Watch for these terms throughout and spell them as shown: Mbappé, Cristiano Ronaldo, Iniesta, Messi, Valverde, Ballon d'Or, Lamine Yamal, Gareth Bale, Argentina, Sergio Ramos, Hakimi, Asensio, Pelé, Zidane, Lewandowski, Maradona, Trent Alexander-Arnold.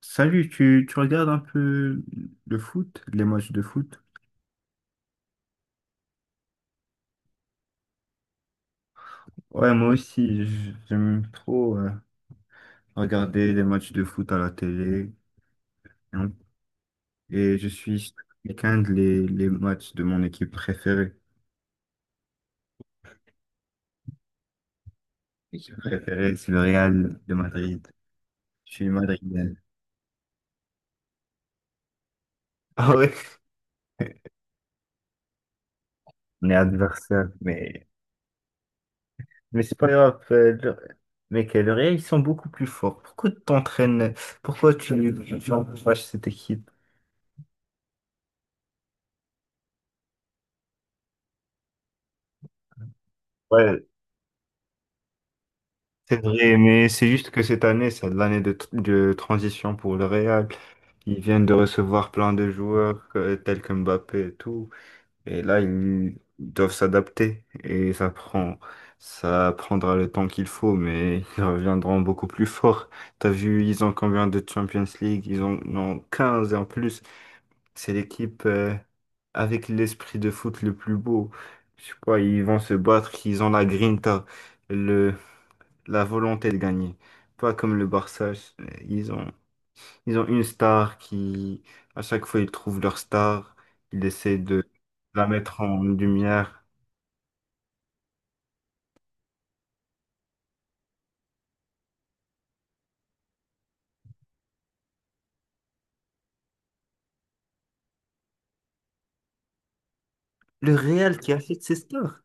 Salut, tu regardes un peu le foot, les matchs de foot? Ouais, moi aussi, j'aime trop regarder les matchs de foot à la télé, hein. Et je suis ce week-end les matchs de mon équipe préférée. L'équipe préférée, c'est le Real de Madrid. Je suis madrilène. Ah ouais? On est adversaire, mais c'est pas grave. Mec, le Real, ils sont beaucoup plus forts. Pourquoi tu t'entraînes? Pourquoi tu encourages cette équipe? Ouais, c'est vrai, mais c'est juste que cette année, c'est l'année de transition pour le Real. Ils viennent de recevoir plein de joueurs tels que Mbappé et tout. Et là, ils doivent s'adapter. Et ça prendra le temps qu'il faut, mais ils reviendront beaucoup plus forts. T'as vu, ils ont combien de Champions League? Ils en ont 15 et en plus, c'est l'équipe avec l'esprit de foot le plus beau. Je sais pas, ils vont se battre, ils ont la grinta, la volonté de gagner. Pas comme le Barça, euh, ils ont, ils ont une star qui, à chaque fois, ils trouvent leur star, ils essaient de la mettre en lumière. Le Real qui achète ses stars.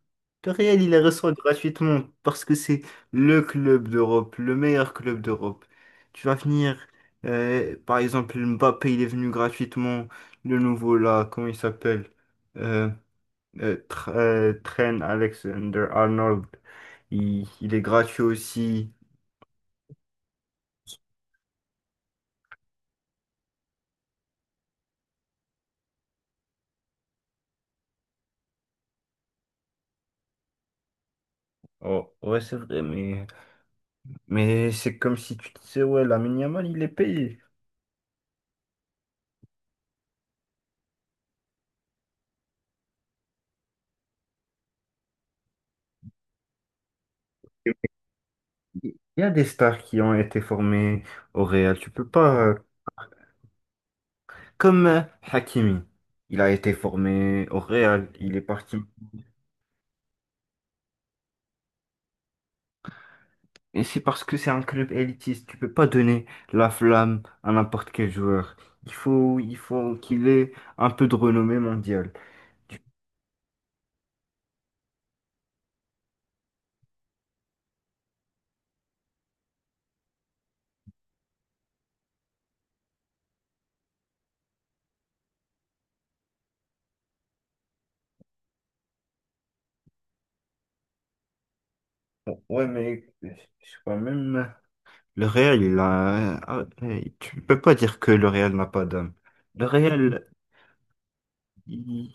Le Real, il les reçoit gratuitement parce que c'est le club d'Europe, le meilleur club d'Europe. Tu vas venir, par exemple, Mbappé, il est venu gratuitement. Le nouveau là, comment il s'appelle? euh, Trent Alexander-Arnold. Il est gratuit aussi. Oh ouais, c'est vrai, mais c'est comme si tu disais, ouais, Lamine Yamal, il est payé. Il y a des stars qui ont été formées au Real. Tu peux pas. Comme Hakimi. Il a été formé au Real. Il est parti. Et c'est parce que c'est un club élitiste. Tu peux pas donner la flamme à n'importe quel joueur. Il faut qu'il ait un peu de renommée mondiale. Ouais, mais c'est quand même. Le réel, il a. Ah, hey, tu peux pas dire que le réel n'a pas d'âme. Le réel, il,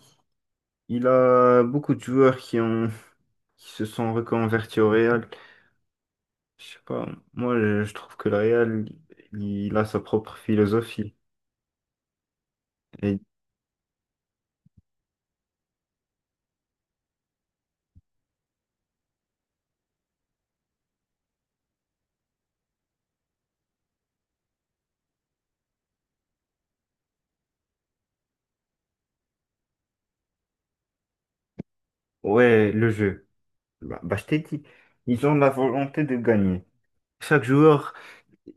il a beaucoup de joueurs qui se sont reconvertis au réel. Je sais pas. Moi, je trouve que le réel, il a sa propre philosophie. Et ouais, le jeu. Bah, bah, je t'ai dit, ils ont la volonté de gagner. Chaque joueur.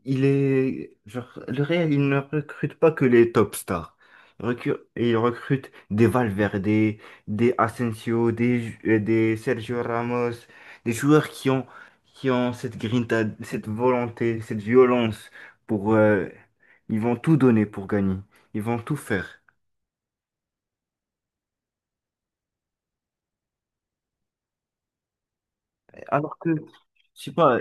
Il est, genre, le Real, il ne recrute pas que les top stars. Il recrute des Valverde, des Asensio, des Sergio Ramos, des joueurs qui ont cette grinta, cette volonté, cette violence pour, ils vont tout donner pour gagner. Ils vont tout faire. Alors que, je sais pas,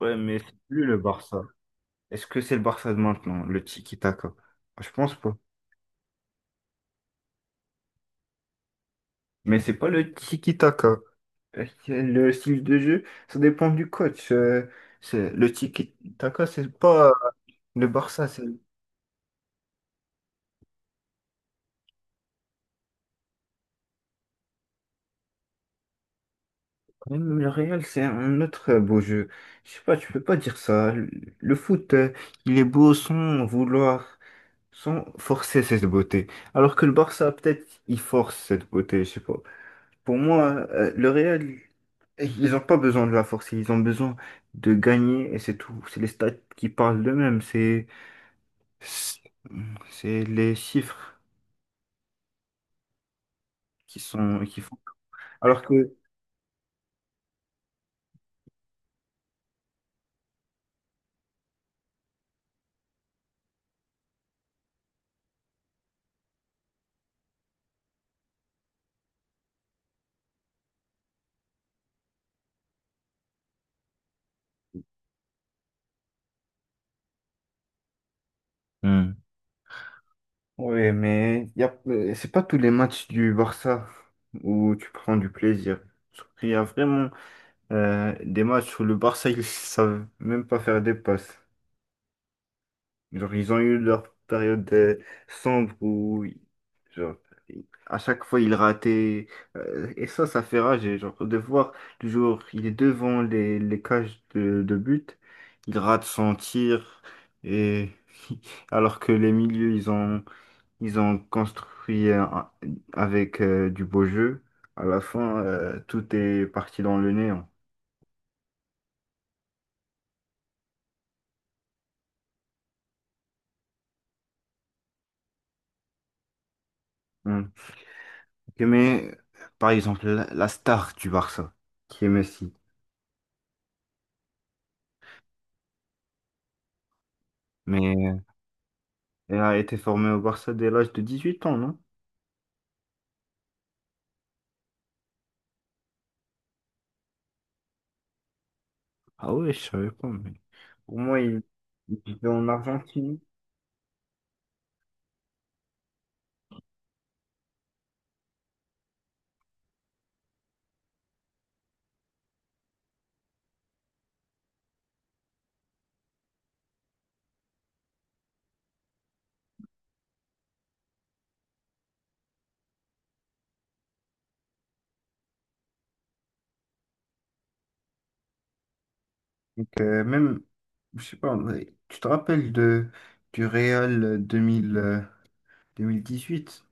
ouais, mais c'est plus le Barça. Est-ce que c'est le Barça de maintenant, le tiki-taka? Je pense pas. Mais c'est pas le tiki-taka. Le style de jeu, ça dépend du coach. Le tiki-taka, c'est pas le Barça, c'est même le Real, c'est un autre beau jeu. Je sais pas, tu peux pas dire ça. Le foot, il est beau sans vouloir, sans forcer cette beauté. Alors que le Barça, peut-être, il force cette beauté, je sais pas. Pour moi, le Real, ils ont pas besoin de la forcer, ils ont besoin de gagner et c'est tout. C'est les stats qui parlent d'eux-mêmes, c'est les chiffres qui sont, qui font. Alors que, hmm, ouais, mais y a, c'est pas tous les matchs du Barça où tu prends du plaisir. Il y a vraiment des matchs où le Barça, ils savent même pas faire des passes. Genre, ils ont eu leur période sombre où, oui, genre, à chaque fois, ils rataient. Et ça fait rage. Et genre, de voir, toujours, il est devant les cages de but, il rate son tir. Et alors que les milieux, ils ont construit avec du beau jeu, à la fin, tout est parti dans le néant. Hmm. Ok, mais, par exemple, la star du Barça, qui est Messi. Mais. Et a été formé au Barça dès l'âge de 18 ans, non? Ah ouais, je savais pas, mais pour moi, il vivait en Argentine. Donc, même, je sais pas, ouais, tu te rappelles du Real 2000, 2018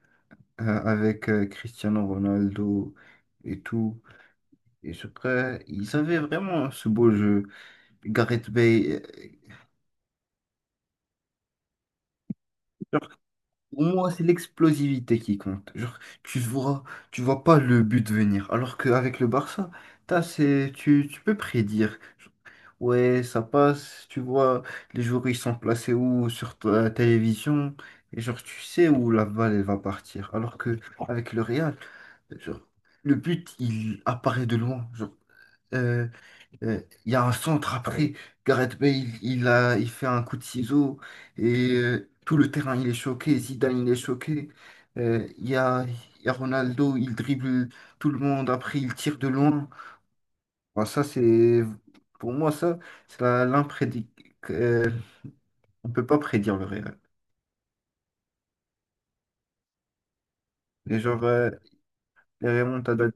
avec Cristiano Ronaldo et tout. Et ce prêt, ils avaient vraiment ce beau jeu. Gareth Bale. Pour moi, c'est l'explosivité qui compte. Genre, tu vois pas le but venir. Alors qu'avec le Barça, t'as, c'est, tu peux prédire. Genre, ouais, ça passe, tu vois, les joueurs ils sont placés où sur ta télévision. Et genre, tu sais où la balle elle va partir. Alors que avec le Real, genre, le but il apparaît de loin. Genre, euh, euh, il y a un centre après. Gareth Bale, il fait un coup de ciseau et tout le terrain, il est choqué. Zidane, il est choqué. Euh, Il y a, il y a Ronaldo, il dribble tout le monde. Après, il tire de loin. Enfin, ça, c'est, pour moi, ça, c'est l'imprédic. euh, on peut pas prédire le réel. Et genre, les remontadas.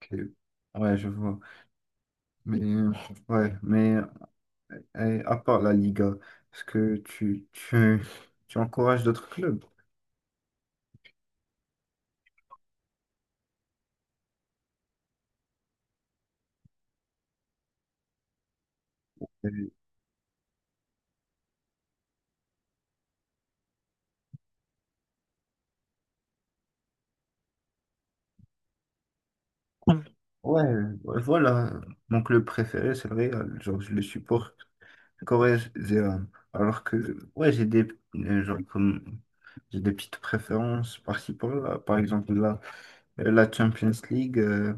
Ok. Ouais, je vois. Mais, ouais, mais à part la Liga, est-ce que tu encourages d'autres clubs? Euh, Ouais, ouais, voilà. Donc le préféré, c'est le Real. Genre, je le supporte corrézien. Alors que, ouais, genre, comme, j'ai des petites préférences par-ci par-là. Par exemple, la Champions League,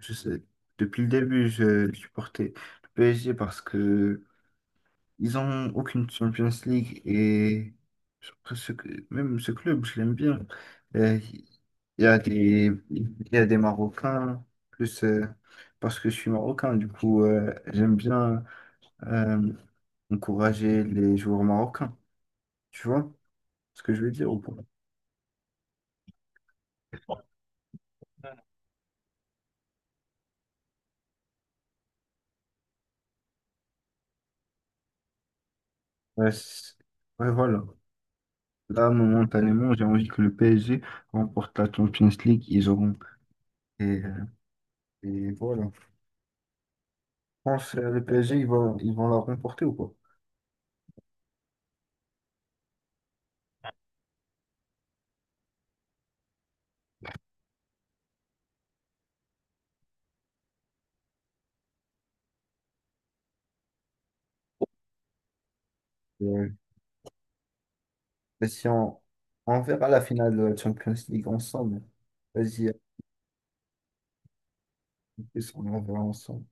je sais, depuis le début, je supportais le PSG parce que ils ont aucune Champions League et après, même ce club, je l'aime bien. Euh, il y a des Marocains, plus parce que je suis Marocain, du coup, j'aime bien euh, encourager les joueurs marocains. Tu vois ce que je veux dire ou pas? Ouais, ouais, voilà. Là, momentanément, j'ai envie que le PSG remporte la Champions League. Ils auront. Et, euh, et voilà. Je pense que le PSG, ils vont la remporter ou pas? Ouais. Mais si on verra la finale de la Champions League ensemble, vas-y, à plus, on en verra ensemble.